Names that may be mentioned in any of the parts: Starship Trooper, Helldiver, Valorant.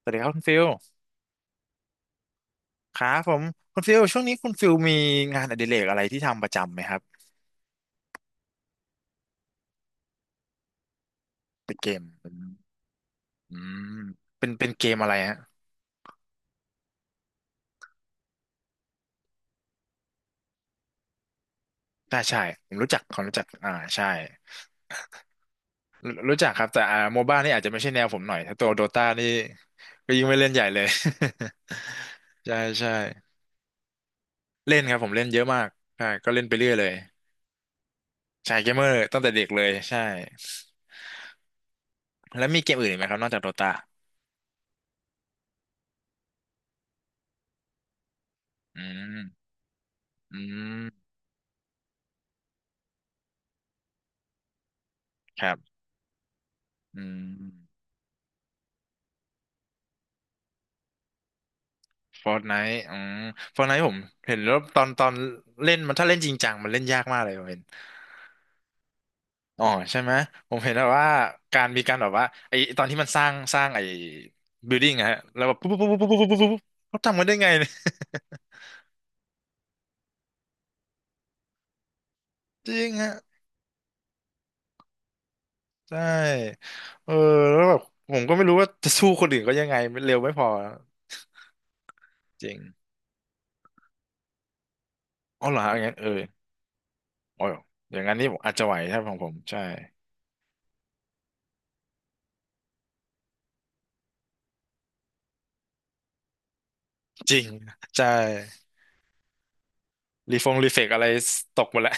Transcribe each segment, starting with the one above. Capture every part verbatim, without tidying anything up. สวัสดีครับคุณฟิลครับผมคุณฟิลช่วงนี้คุณฟิลมีงานอดิเรกอะไรที่ทำประจำไหมครับเป็นเกมเป็นอืมเป็นเป็นเกมอะไรฮะใช่ใช่ผมรู้จักผมรู้จักอ่าใช่รู้รู้จักครับแต่อ่าโมบ้านี่อาจจะไม่ใช่แนวผมหน่อยถ้าตัวโดตานี่ก็ยิ่งไม่เล่นใหญ่เลย ใช่ใช่เล่นครับผมเล่นเยอะมากใช่ก็เล่นไปเรื่อยเลยใช่เกมเมอร์ตั้งแต่เด็กเลยใช่แล้วมีเกมอื่นอีกไหมครับนอกจากโดตาอืมอืมครับอืม ฟอร์ n ไนท์อืมฟอร์ n ไนท์ผมเห็นแล้วตอนตอนเล่นมันถ้าเล่นจริงจังมันเล่นยากมากเลยผมเห็นอ๋อใช่ไหมผมเห็นแบบวว่าการมีการแบบว่าไอตอนที่มันสร้างสร้างไอบิลดิ้งฮะแล้วแบบปุ๊บปุ๊บปุ๊บปุ๊บปุ๊บปุ๊บปุ๊บปุ๊บเขาทำกันได้ไงเนี่ย จริงฮะใช่เออแล้วแบบผมก็ไม่รู้ว่าจะสู้คนอื่นก็ยังไงมันเร็วไม่พอจริงอ๋อเหรอฮะอย่างนั้นเอออ๋ออย่างนั้นนี่ผมอาจจะไหวถ้าของผมใช่จริงใช่รีฟงรีเฟกอะไรตกหมดแล้ว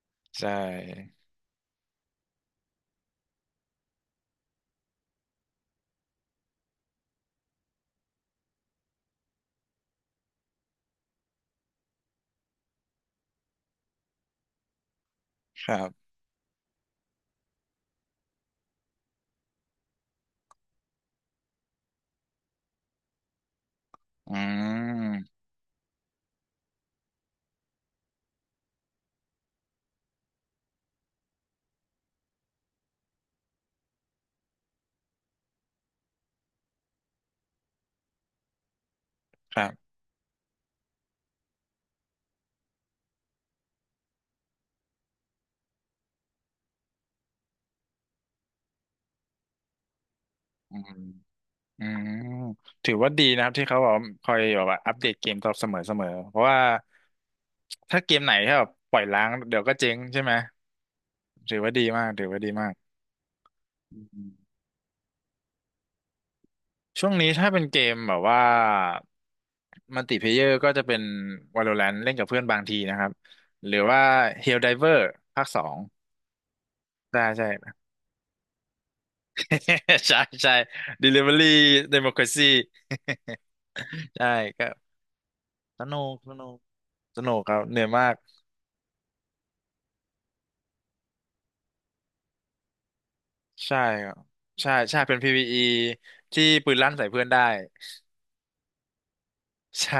ใช่ ครับอืมครับอืมอืมถือว่าดีนะครับที่เขาแบบคอยแบบว่าอัปเดตเกมตลอดเสมอเสมอเพราะว่าถ้าเกมไหนที่แบบปล่อยล้างเดี๋ยวก็เจ๊งใช่ไหม ถือว่าดีมากถือว่าดีมากอืมช่วงนี้ถ้าเป็นเกมแบบว่ามัลติเพลเยอร์ก็จะเป็น Valorant เล่นกับเพื่อนบางทีนะครับ หรือว่า Helldiver ภาคสอง ใช่ใช่ ใช่ใช่ Delivery Democracy ใช่ก็ สนุกสนุกสนุกครับเหนื่อยมากใช่ครับใช่ใช่เป็น พี วี อี ที่ปืนลั่นใส่เพื่อนได้ ใช่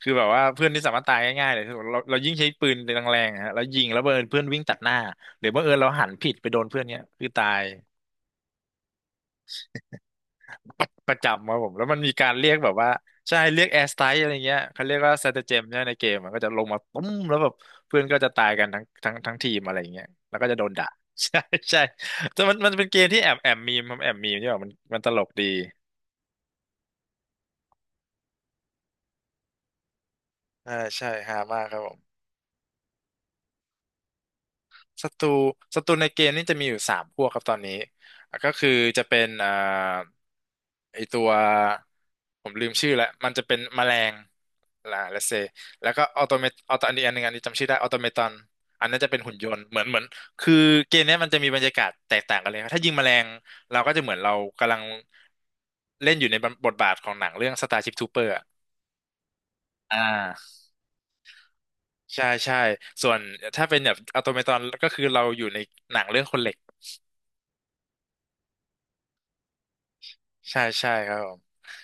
คือแบบว่าเพื่อนที่สามารถตายง่ายๆเลยคือเราเรายิ่งใช้ปืนแรงๆอะฮะแล้วยิงแล้วบังเอิญเพื่อนวิ่งตัดหน้าหรือบังเอิญเราหันผิดไปโดนเพื่อนเนี้ยคือตาย ประประจำครับผมแล้วมันมีการเรียกแบบว่าใช่เรียกแอร์สไตล์อะไรเงี้ยเขาเรียกว่าสเตเจมเนี่ยในเกมมันก็จะลงมาตุ้มแล้วแบบเพื่อนก็จะตายกันทั้งทั้งทั้งทีมอะไรเงี้ยแล้วก็จะโดนด่า ใช่ใช่แต่มันมันเป็นเกมที่แอบแอบมีมครับแอบมีมใช่ป่ะมันมันตลกดีอ่าใช่ฮามากครับผม ศัตรูศัตรูในเกมนี่จะมีอยู่สามพวกครับตอนนี้อ่ะก็คือจะเป็นเอ่อไอตัวผมลืมชื่อแล้วมันจะเป็นแมลงล่ะ let's say แล้วก็ออโตเมตออโตอันนี้อันหนึงอันนี้จำชื่อได้ออโตเมตอนอันนั้นจะเป็นหุ่นยนต์เหมือนเหมือนคือเกมเนี้ยมันจะมีบรรยากาศแตกต่างกันเลยครับถ้ายิงแมลงเราก็จะเหมือนเรากำลังเล่นอยู่ในบทบาทของหนังเรื่อง Starship Trooper อะอ่าใช่ใช่ส่วนถ้าเป็นแบบออโตเมตอนก็คือเราอยู่ในหนังเรื่องคนเหล็ก ใช่ใช่ครับผม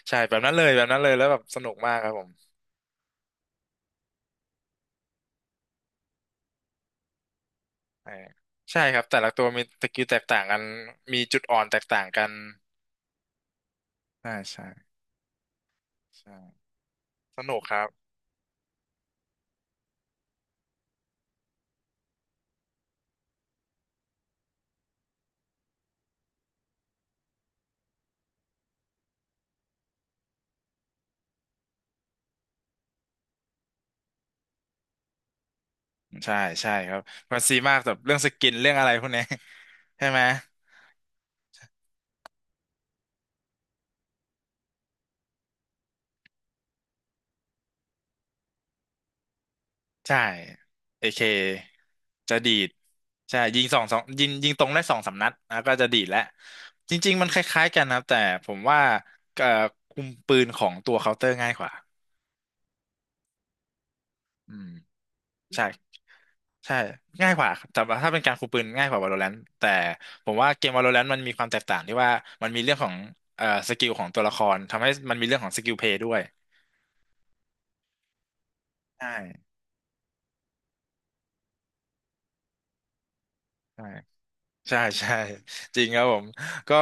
ใช่แบบนั้นเลยแบบนั้นเลยแล้วแบบสนุกมากครับผมเออใช่ครับแต่ละตัวมีสกิลแตกต่างกันมีจุดอ่อนแตกต่างกันใช่ใช่ใช่สนุกครับใช่ใช่ครับมันซีมากแบบเรื่องสกินเรื่องอะไรพวกเนี้ยใช่ไหมใช่เอเคจะดีดใช่ยิงสองสองยิงยิงตรงได้สองสามนัดแล้วก็จะดีดแล้วจริงๆมันคล้ายๆกันนะครับแต่ผมว่าเอ่อคุมปืนของตัวเคาน์เตอร์ง่ายกว่าอืมใช่ ใช่ง่ายกว่าแต่ว่าถ้าเป็นการคุมปืนง่ายกว่า Valorant แต่ผมว่าเกม Valorant มันมีความแตกต่างที่ว่ามันมีเรื่องของเอ่อสกิลของตัวละครทำให้มันมีเรื่องของสกิลเพลย์ด้วยใช่ใช่ใช่ใช่จริงครับผมก็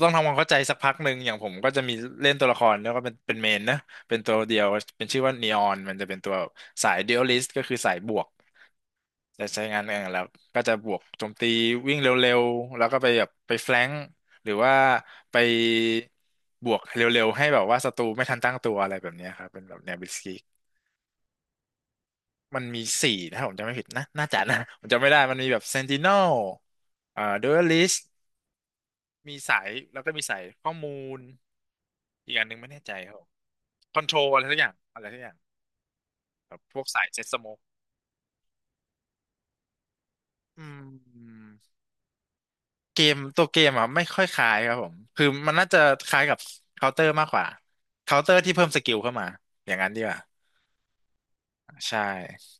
ต้องทำความเข้าใจสักพักหนึ่งอย่างผมก็จะมีเล่นตัวละครแล้วก็เป็นเป็นเมนนะเป็นตัวเดียวเป็นชื่อว่านีออนมันจะเป็นตัวสายเด เอ แอล ไอ ลิสต์ก็คือสายบวก จะใช้งานเองแล้วก็จะบวกโจมตีวิ่งเร็วๆแล้วก็ไปแบบไปแฟลงก์หรือว่าไปบวกเร็วๆให้แบบว่าศัตรูไม่ทันตั้งตัวอะไรแบบเนี้ยครับเป็นแบบแนวบิสกิกมันมีสี่ถ้าผมจำไม่ผิดนะน่าจะนะผมจำไม่ได้มันมีแบบเซนติ เอ็น น แอล เอ่อดูอลิสมีสายแล้วก็มีสายข้อมูลอีกอันหนึงไม่แน่ใจครับคอนโทรลอะไรทุกอย่างอะไรทุกอย่างแบบพวกสายเซ็ตสโมกอืม เกมตัวเกมอ่ะไม่ค่อยคล้ายครับผมคือมันน่าจะคล้ายกับเคาน์เตอร์มากกว่าเคาน์เตอร์ที่เพิ่มสกิลเข้ามาอย่างนั้นดีกว่าใช่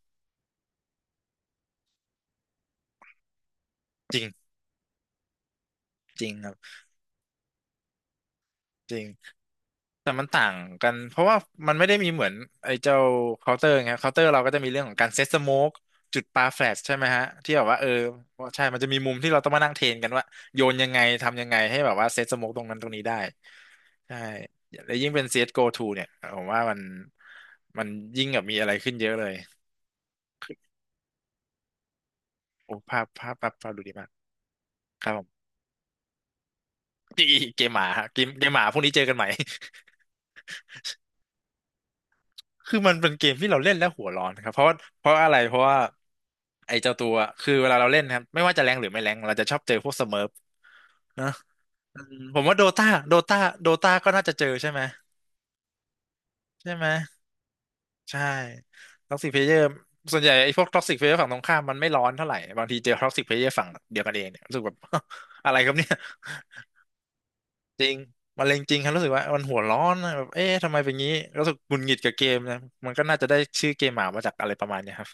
จริงจริงครับจริง แต่มันต่างกันเพราะว่ามันไม่ได้มีเหมือนไอ้เจ้าเคาน์เตอร์ไงเคาน์เตอร์เราก็จะมีเรื่องของการเซตสโมกจุดปาแฟลชใช่ไหมฮะที่แบบว่าเออใช่มันจะมีมุมที่เราต้องมานั่งเทรนกันว่าโยนยังไงทำยังไงให้แบบว่าเซตสโมกตรงนั้นตรงนี้ได้ใช่แล้วยิ่งเป็น ซี เอส จี โอ ูเนี่ยผมว่ามันมันยิ่งแบบมีอะไรขึ้นเยอะเลยโอ้ภาพภาพภาพภาพดูดีมากครับผม เกมหมาฮะเกมเกมหมาพรุ่งนี้เจอกันใหม่ คือมันเป็นเกมที่เราเล่นแล้วหัวร้อนครับเพราะว่าเพราะอะไรเพราะว่าไอ้เจ้าตัวคือเวลาเราเล่นนะครับไม่ว่าจะแรงหรือไม่แรงเราจะชอบเจอพวกสเมิร์ฟนะอืมผมว่าโดตาโดตาโดตาก็น่าจะเจอใช่ไหมใช่ไหมใช่ท็อกซิกเพลเยอร์ส่วนใหญ่ไอ้พวกท็อกซิกเพลเยอร์ฝั่งตรงข้ามมันไม่ร้อนเท่าไหร่บางทีเจอท็อกซิกเพลเยอร์ฝั่งเดียวกันเองเนี่ยรู้สึกแบบ อะไรครับเนี่ยจริงมะเร็งจริงครับรู้สึกว่ามันหัวร้อนนะแบบเอ๊ะทำไมเป็นงี้รู้สึกหงุดหงิดกับเกมนะมันก็น่าจะได้ชื่อเกมหมามาจากอะไรประมาณเนี้ยครับ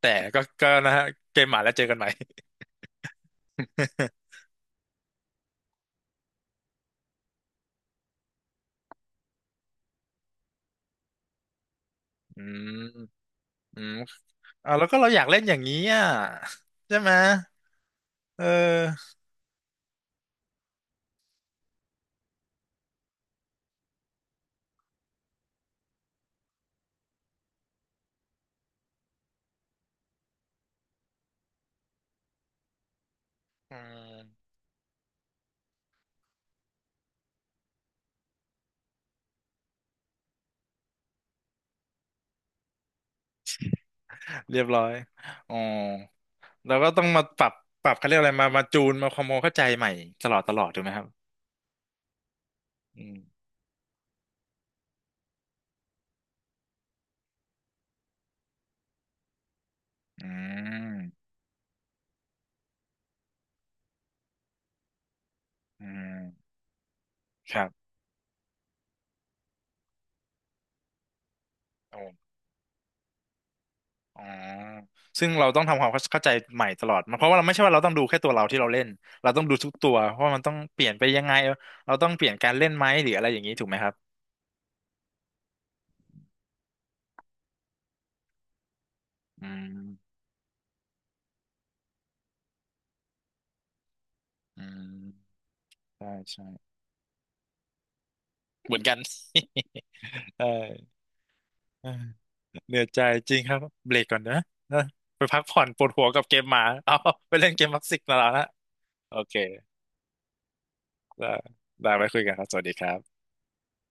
แต่ก็ก็นะฮะเกมหมาแล้วเจอกันใหม่ อืมอืมอ่าแล้วก็เราอยากเล่นอย่างนี้อ่ะใช่ไหมเอออืมเรียบร้อยอ๋อแล้าก็ต้องมาปรับปรับเขาเรียกอะไรมามาจูนมาความเข้าใจใหม่ตลอดตลอดถูกไหมครับอืมอืมอืมครับโอ้อ๋อซึ่งเราต้องทำความเข้าใจใหม่ตลอดมันเพราะว่าเราไม่ใช่ว่าเราต้องดูแค่ตัวเราที่เราเล่นเราต้องดูทุกตัวเพราะว่ามันต้องเปลี่ยนไปยังไงเราต้องเปลี่ยนการเล่นไหมหรืออะไรอย่างนี้ถูกไหมครับ อืมอืมใช่ใช่เหมือนกัน ใช่เออเหนื่อยใจจริงครับเบรกก่อนนะนะไปพักผ่อนปวดหัวกับเกมหมาเอา ไปเล่นเกมพับสิกมาแล้วนะโอเคได้ได้ไว้คุยกันครับสวัสดีครับ